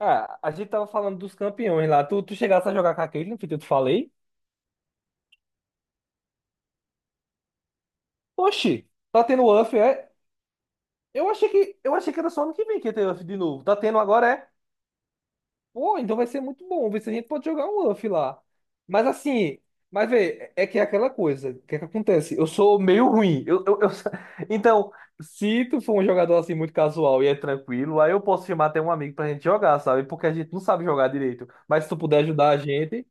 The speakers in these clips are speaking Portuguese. Ah, a gente tava falando dos campeões lá. Tu chegasse a jogar com a Caitlyn, que eu te falei. Oxi, tá tendo UF, é? Eu achei que era só ano que vem que ia ter UF de novo. Tá tendo agora, é? Pô, então vai ser muito bom. Ver se a gente pode jogar um UF lá. Mas assim, mas vê, é que é aquela coisa. O que é que acontece? Eu sou meio ruim. Então, se tu for um jogador assim muito casual e é tranquilo, aí eu posso chamar até um amigo pra gente jogar, sabe? Porque a gente não sabe jogar direito. Mas se tu puder ajudar a gente.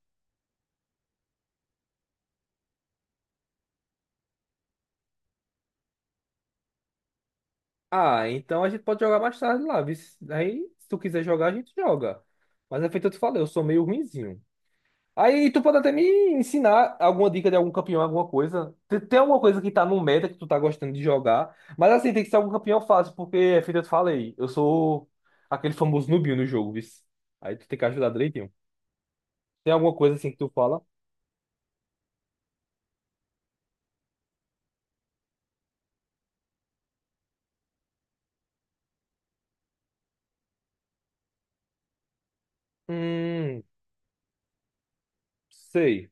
Ah, então a gente pode jogar mais tarde lá, viu? Aí, se tu quiser jogar, a gente joga. Mas é feito eu te falei, eu sou meio ruinzinho. Aí tu pode até me ensinar alguma dica de algum campeão, alguma coisa. Tem alguma coisa que tá no meta que tu tá gostando de jogar. Mas assim, tem que ser algum campeão fácil, porque é feito eu te falei, eu sou aquele famoso nubinho no jogo, viu? Aí tu tem que ajudar direitinho. Tem alguma coisa assim que tu fala? Hum, sei.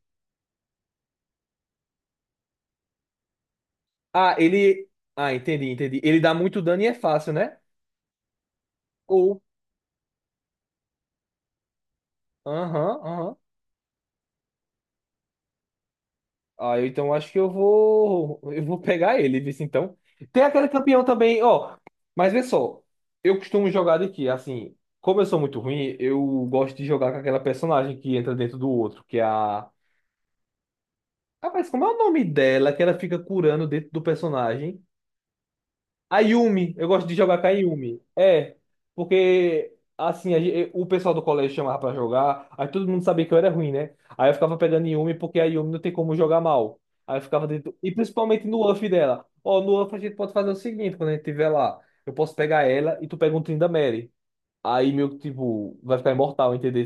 Ah, ele. Ah, entendi, entendi. Ele dá muito dano e é fácil, né? Ou. Aham, aham. Ah, eu então acho que eu vou. Eu vou pegar ele, viu? Então. Tem aquele campeão também, ó. Mas vê só, eu costumo jogar de assim, como eu sou muito ruim, eu gosto de jogar com aquela personagem que entra dentro do outro, que é a. Rapaz, como é o nome dela? Que ela fica curando dentro do personagem. A Yumi, eu gosto de jogar com a Yumi. É, porque assim, o pessoal do colégio chamava pra jogar, aí todo mundo sabia que eu era ruim, né? Aí eu ficava pegando Yumi porque a Yumi não tem como jogar mal. Aí eu ficava dentro, e principalmente no UF dela. Ó, no UF a gente pode fazer o seguinte, quando a gente tiver lá, eu posso pegar ela e tu pega um Tryndamere. Aí meio que, tipo, vai ficar imortal, entendeu?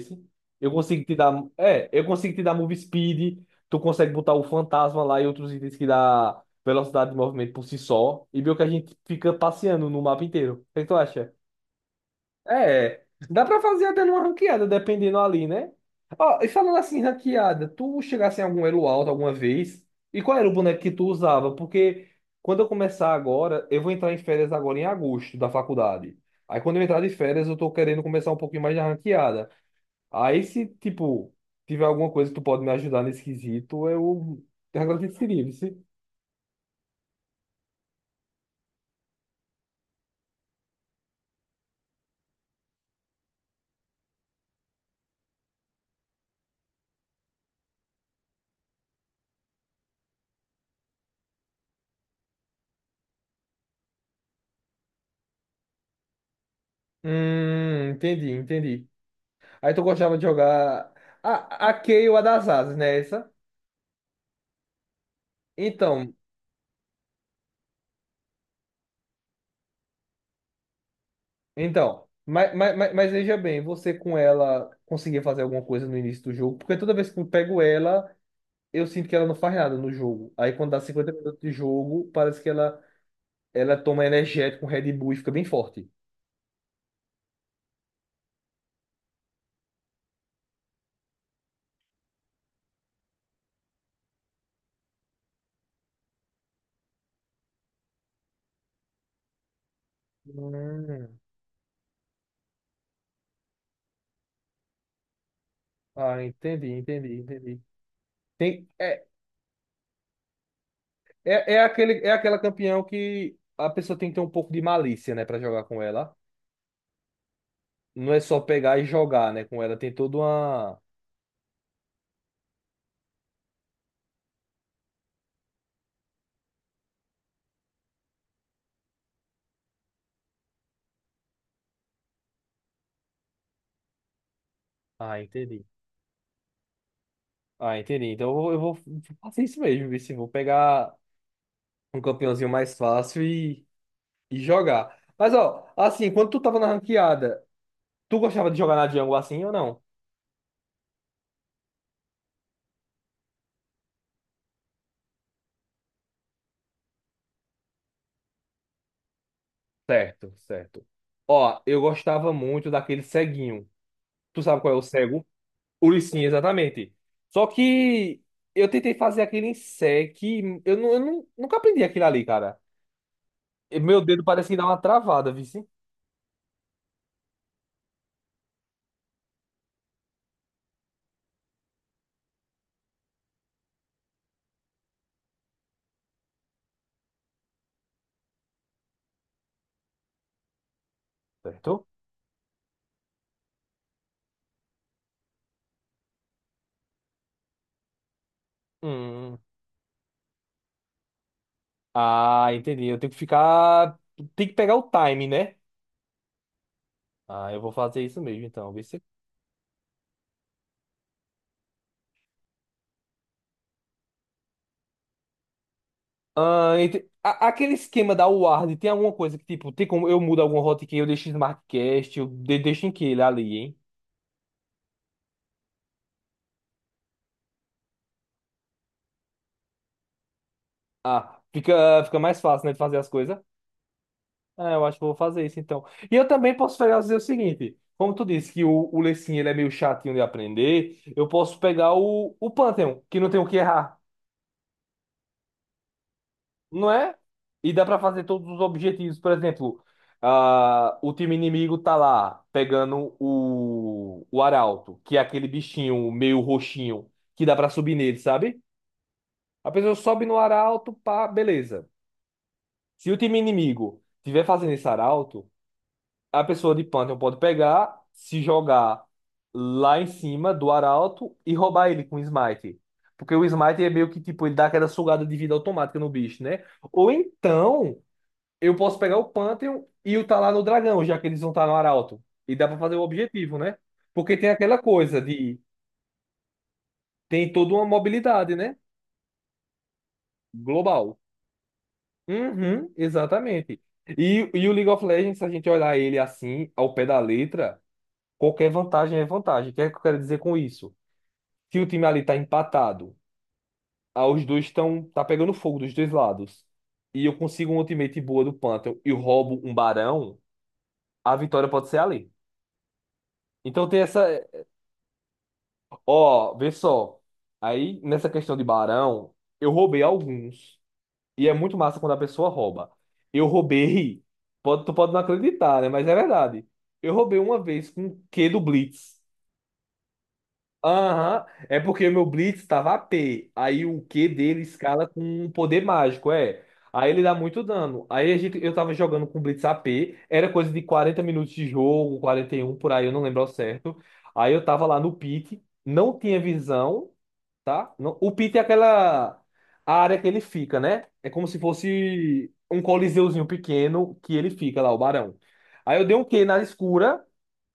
Eu consigo te dar. É, eu consigo te dar move speed. Tu consegue botar o fantasma lá e outros itens que dá velocidade de movimento por si só. E meio que a gente fica passeando no mapa inteiro. O que é que tu acha? É, dá pra fazer até numa ranqueada, dependendo ali, né? Ó, e falando assim, ranqueada, tu chegasse em algum elo alto alguma vez? E qual era o boneco que tu usava? Porque quando eu começar agora, eu vou entrar em férias agora em agosto da faculdade. Aí quando eu entrar de férias, eu tô querendo começar um pouquinho mais de ranqueada. Aí se, tipo, tiver alguma coisa que tu pode me ajudar nesse quesito, eu te agradeceria, viu? Entendi, entendi. Aí tu gostava de jogar a Kayle, a das asas, né? Essa? Então, Então, mas veja bem, você com ela conseguia fazer alguma coisa no início do jogo? Porque toda vez que eu pego ela, eu sinto que ela não faz nada no jogo. Aí quando dá 50 minutos de jogo, parece que ela toma energético, um Red Bull e fica bem forte. Hum. Ah, entendi, entendi, entendi. Tem, é, é, é, aquele, é aquela campeão que a pessoa tem que ter um pouco de malícia, né, pra jogar com ela. Não é só pegar e jogar, né, com ela. Tem toda uma. Ah, entendi. Ah, entendi. Então eu vou fazer isso mesmo, viu? Se vou pegar um campeãozinho mais fácil e jogar. Mas, ó, assim, quando tu tava na ranqueada, tu gostava de jogar na jungle assim ou não? Certo, certo. Ó, eu gostava muito daquele ceguinho. Tu sabe qual é o cego? O Licinha, exatamente. Só que eu tentei fazer aquele em sec, eu não, nunca aprendi aquilo ali, cara. E meu dedo parece que dá uma travada, viu? Sim? Certo? Hum. Ah, entendi. Eu tenho que ficar. Tem que pegar o time, né? Ah, eu vou fazer isso mesmo, então. Vê se... Ah, Aquele esquema da Ward tem alguma coisa que, tipo, tem como eu mudo alguma hotkey, eu deixo em SmartCast, eu deixo em que ele ali, hein? Ah, fica mais fácil, né, de fazer as coisas. Ah, eu acho que eu vou fazer isso, então. E eu também posso fazer o seguinte. Como tu disse que o Lecinho, ele é meio chatinho de aprender, eu posso pegar o Pantheon, que não tem o que errar. Não é? E dá pra fazer todos os objetivos. Por exemplo, ah, o time inimigo tá lá pegando o arauto, que é aquele bichinho meio roxinho que dá pra subir nele, sabe? A pessoa sobe no arauto, pá, beleza. Se o time inimigo tiver fazendo esse arauto, a pessoa de Pantheon pode pegar, se jogar lá em cima do arauto e roubar ele com smite. Porque o smite é meio que tipo, ele dá aquela sugada de vida automática no bicho, né? Ou então. Eu posso pegar o Pantheon e o tá lá no dragão, já que eles vão estar no Arauto. E dá pra fazer o objetivo, né? Porque tem aquela coisa de. Tem toda uma mobilidade, né? Global. Uhum, exatamente. E o League of Legends, se a gente olhar ele assim, ao pé da letra, qualquer vantagem é vantagem. O que é que eu quero dizer com isso? Se o time ali tá empatado, ah, os dois estão. Tá pegando fogo dos dois lados. E eu consigo um ultimate boa do Pantheon e roubo um barão, a vitória pode ser ali. Então tem essa. Ó, vê só. Aí, nessa questão de barão, eu roubei alguns. E é muito massa quando a pessoa rouba. Eu roubei. Tu pode não acreditar, né? Mas é verdade. Eu roubei uma vez com o Q do Blitz. Aham. É porque o meu Blitz tava AP. Aí o Q dele escala com um poder mágico, é. Aí ele dá muito dano. Eu tava jogando com Blitz AP. Era coisa de 40 minutos de jogo, 41 por aí, eu não lembro ao certo. Aí eu tava lá no pique, não tinha visão, tá? Não. O pit é aquela a área que ele fica, né? É como se fosse um coliseuzinho pequeno que ele fica lá, o barão. Aí eu dei um Q na escura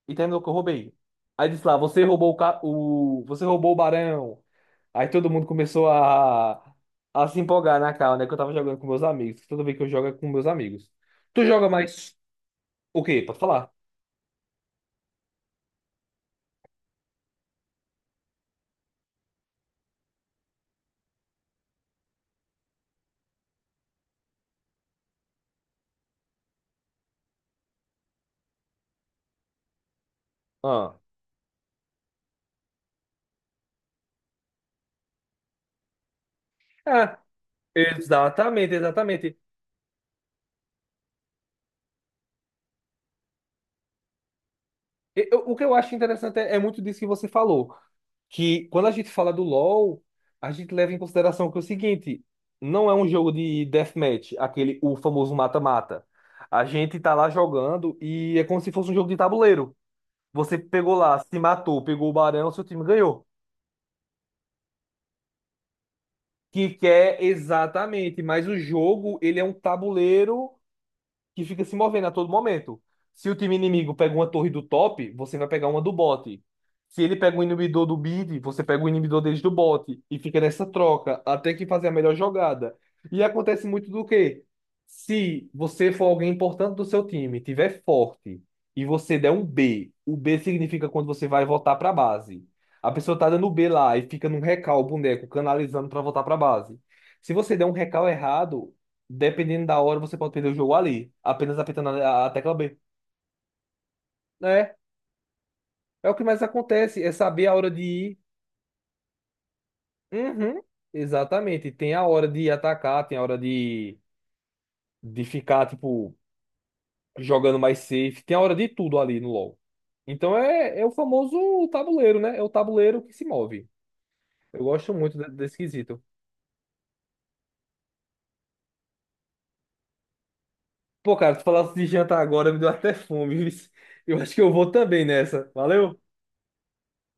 e terminou que eu roubei. Aí disse lá, você roubou o barão. Aí todo mundo começou a se empolgar na cara, né? Que eu tava jogando com meus amigos. Tudo bem que eu jogo é com meus amigos. Tu joga mais o quê? Pode falar. Ah. Ah, exatamente, exatamente. O que eu acho interessante é muito disso que você falou, que quando a gente fala do LoL, a gente leva em consideração que é o seguinte, não é um jogo de deathmatch, aquele o famoso mata-mata. A gente tá lá jogando e é como se fosse um jogo de tabuleiro. Você pegou lá, se matou, pegou o barão, seu time ganhou. Que quer exatamente, mas o jogo, ele é um tabuleiro que fica se movendo a todo momento. Se o time inimigo pega uma torre do top, você vai pegar uma do bot. Se ele pega um inibidor do mid, você pega o inibidor deles do bot. E fica nessa troca até que fazer a melhor jogada. E acontece muito do quê? Se você for alguém importante do seu time, tiver forte e você der um B, o B significa quando você vai voltar para base. A pessoa tá dando B lá e fica num recal o boneco canalizando para voltar para base. Se você der um recal errado, dependendo da hora, você pode perder o jogo ali, apenas apertando a tecla B. É, é o que mais acontece, é saber a hora de ir. Uhum, exatamente. Tem a hora de atacar, tem a hora de ficar, tipo, jogando mais safe, tem a hora de tudo ali no LoL. Então é o famoso tabuleiro, né? É o tabuleiro que se move. Eu gosto muito desse quesito. Pô, cara, tu falasse de jantar agora, me deu até fome. Eu acho que eu vou também nessa. Valeu?